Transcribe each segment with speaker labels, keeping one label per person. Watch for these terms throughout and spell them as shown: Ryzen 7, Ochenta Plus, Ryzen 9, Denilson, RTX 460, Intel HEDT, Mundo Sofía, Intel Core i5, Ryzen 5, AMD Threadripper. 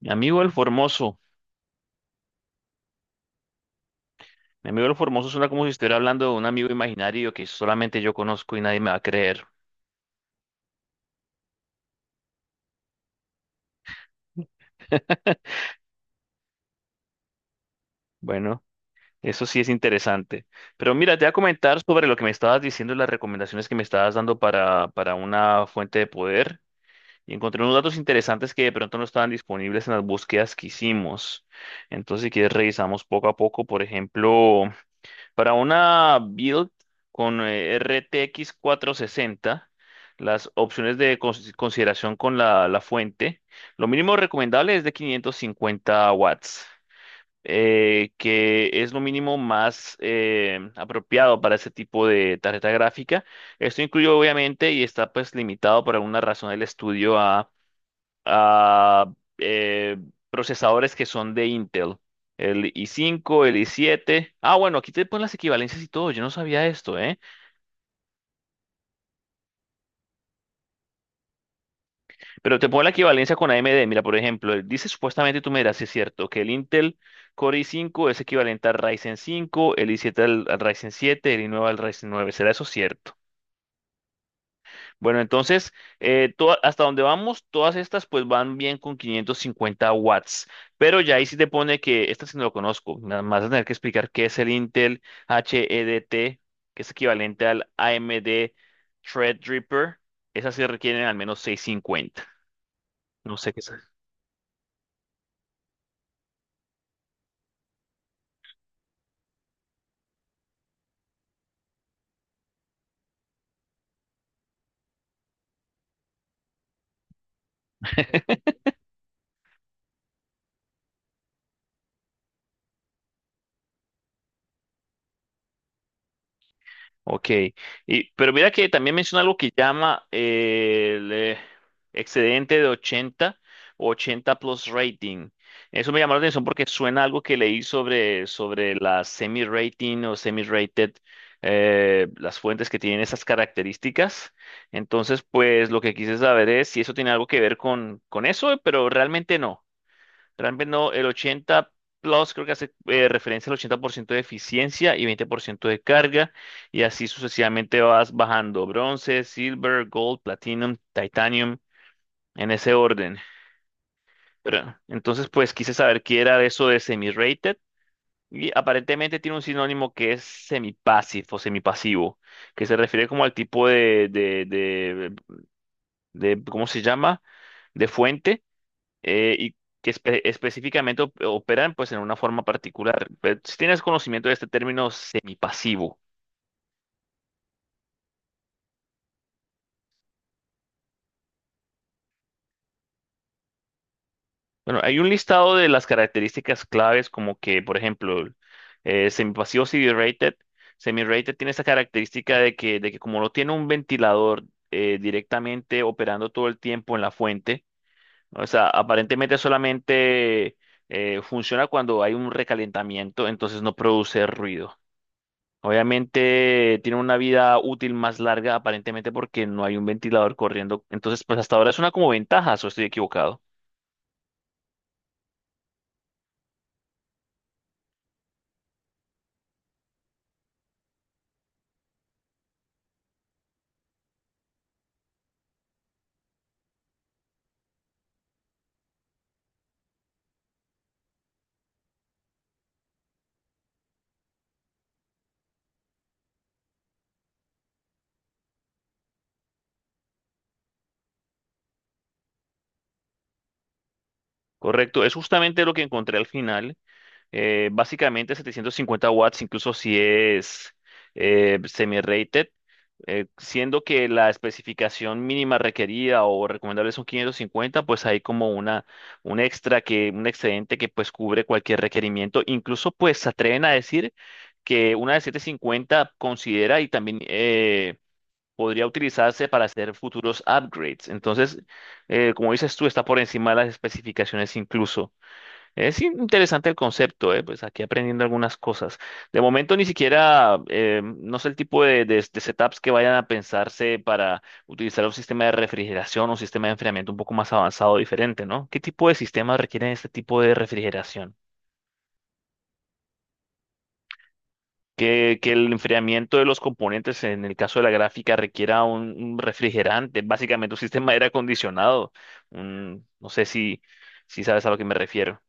Speaker 1: Mi amigo el Formoso. Mi amigo el Formoso suena como si estuviera hablando de un amigo imaginario que solamente yo conozco y nadie me va a creer. Bueno, eso sí es interesante. Pero mira, te voy a comentar sobre lo que me estabas diciendo y las recomendaciones que me estabas dando para una fuente de poder. Y encontré unos datos interesantes que de pronto no estaban disponibles en las búsquedas que hicimos. Entonces, si quieres, revisamos poco a poco. Por ejemplo. Para una build con RTX 460, las opciones de consideración con la fuente, lo mínimo recomendable es de 550 watts, que es lo mínimo más apropiado para ese tipo de tarjeta gráfica. Esto incluye obviamente y está pues limitado por alguna razón del estudio a eh, procesadores que son de Intel, el i5, el i7. Ah, bueno, aquí te ponen las equivalencias y todo, yo no sabía esto, ¿eh? Pero te ponen la equivalencia con AMD. Mira, por ejemplo, dice supuestamente, tú me dirás si es cierto, que el Intel Core i5 es equivalente al Ryzen 5, el i7 al, al Ryzen 7, el i9 al Ryzen 9. ¿Será eso cierto? Bueno, entonces, hasta donde vamos, todas estas pues van bien con 550 W, pero ya ahí sí te pone que esta sí no lo conozco, nada más vas a tener que explicar qué es el Intel HEDT, que es equivalente al AMD Threadripper, esas sí requieren al menos 650. No sé qué es. Ok, y, pero mira que también menciona algo que llama el excedente de 80 o 80 plus rating. Eso me llamó la atención porque suena algo que leí sobre la semi-rating o semi-rated, las fuentes que tienen esas características. Entonces, pues lo que quise saber es si eso tiene algo que ver con eso, pero realmente no. Realmente no, el 80 Plus creo que hace referencia al 80% de eficiencia y 20% de carga, y así sucesivamente vas bajando bronce, silver, gold, platinum, titanium, en ese orden. Pero, entonces, pues quise saber qué era eso de semi-rated, y aparentemente tiene un sinónimo que es semi-passive o semipasivo, que se refiere como al tipo ¿cómo se llama? De fuente eh, y que específicamente operan pues en una forma particular. Pero si tienes conocimiento de este término semipasivo, bueno, hay un listado de las características claves como que, por ejemplo, semipasivo CD-rated, semi-rated tiene esa característica de que como no tiene un ventilador directamente operando todo el tiempo en la fuente, ¿no? O sea, aparentemente solamente funciona cuando hay un recalentamiento, entonces no produce ruido. Obviamente tiene una vida útil más larga aparentemente porque no hay un ventilador corriendo. Entonces, pues hasta ahora es una como ventaja, o estoy equivocado. Correcto, es justamente lo que encontré al final. Básicamente 750 watts, incluso si es semi-rated, siendo que la especificación mínima requerida o recomendable son 550, pues hay como una, un extra que, un excedente que pues cubre cualquier requerimiento. Incluso pues se atreven a decir que una de 750 considera y también podría utilizarse para hacer futuros upgrades. Entonces, como dices tú, está por encima de las especificaciones incluso. Es interesante el concepto, ¿eh? Pues aquí aprendiendo algunas cosas. De momento ni siquiera, no sé el tipo de setups que vayan a pensarse para utilizar un sistema de refrigeración o un sistema de enfriamiento un poco más avanzado, diferente, ¿no? ¿Qué tipo de sistemas requieren este tipo de refrigeración? Que el enfriamiento de los componentes, en el caso de la gráfica, requiera un refrigerante, básicamente un sistema de aire acondicionado. No sé si, si sabes a lo que me refiero.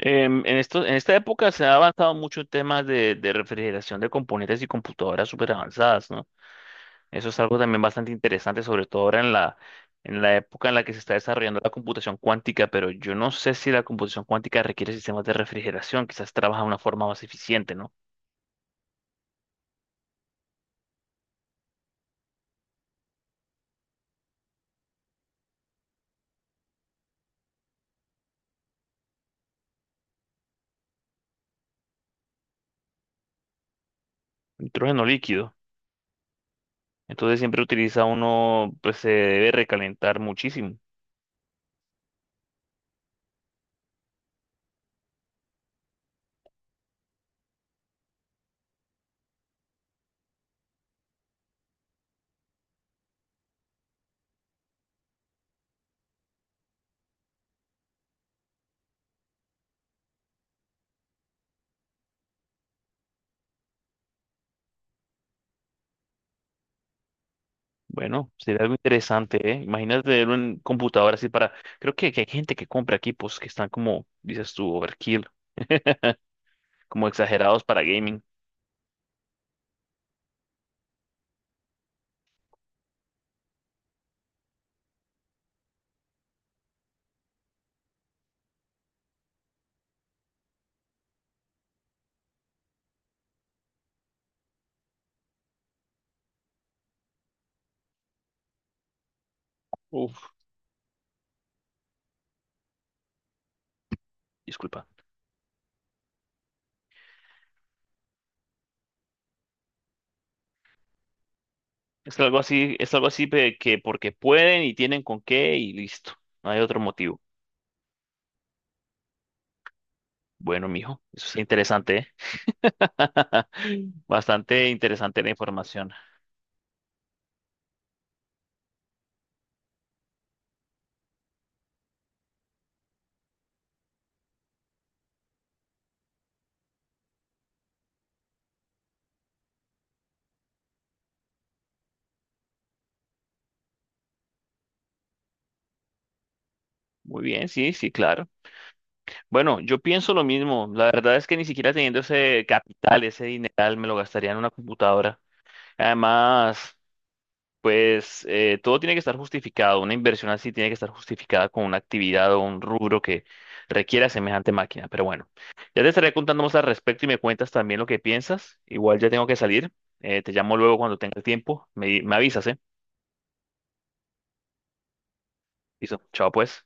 Speaker 1: En en esta época se ha avanzado mucho en temas de refrigeración de componentes y computadoras súper avanzadas, ¿no? Eso es algo también bastante interesante, sobre todo ahora en la época en la que se está desarrollando la computación cuántica, pero yo no sé si la computación cuántica requiere sistemas de refrigeración, quizás trabaja de una forma más eficiente, ¿no? Nitrógeno líquido. Entonces siempre utiliza uno, pues se debe recalentar muchísimo. Bueno, sería algo interesante, ¿eh? Imagínate tener un computador así para... Creo que hay gente que compra equipos que están como, dices tú, overkill, como exagerados para gaming. Uf, disculpa. Es algo así pe- que porque pueden y tienen con qué y listo. No hay otro motivo. Bueno, mijo, eso es interesante, ¿eh? Bastante interesante la información. Muy bien, sí, sí, claro. Bueno, yo pienso lo mismo. La verdad es que ni siquiera teniendo ese capital, ese dineral, me lo gastaría en una computadora. Además, pues todo tiene que estar justificado. Una inversión así tiene que estar justificada con una actividad o un rubro que requiera semejante máquina. Pero bueno, ya te estaré contando más al respecto y me cuentas también lo que piensas. Igual ya tengo que salir. Te llamo luego cuando tengas tiempo. Me avisas, ¿eh? Listo. Chao, pues.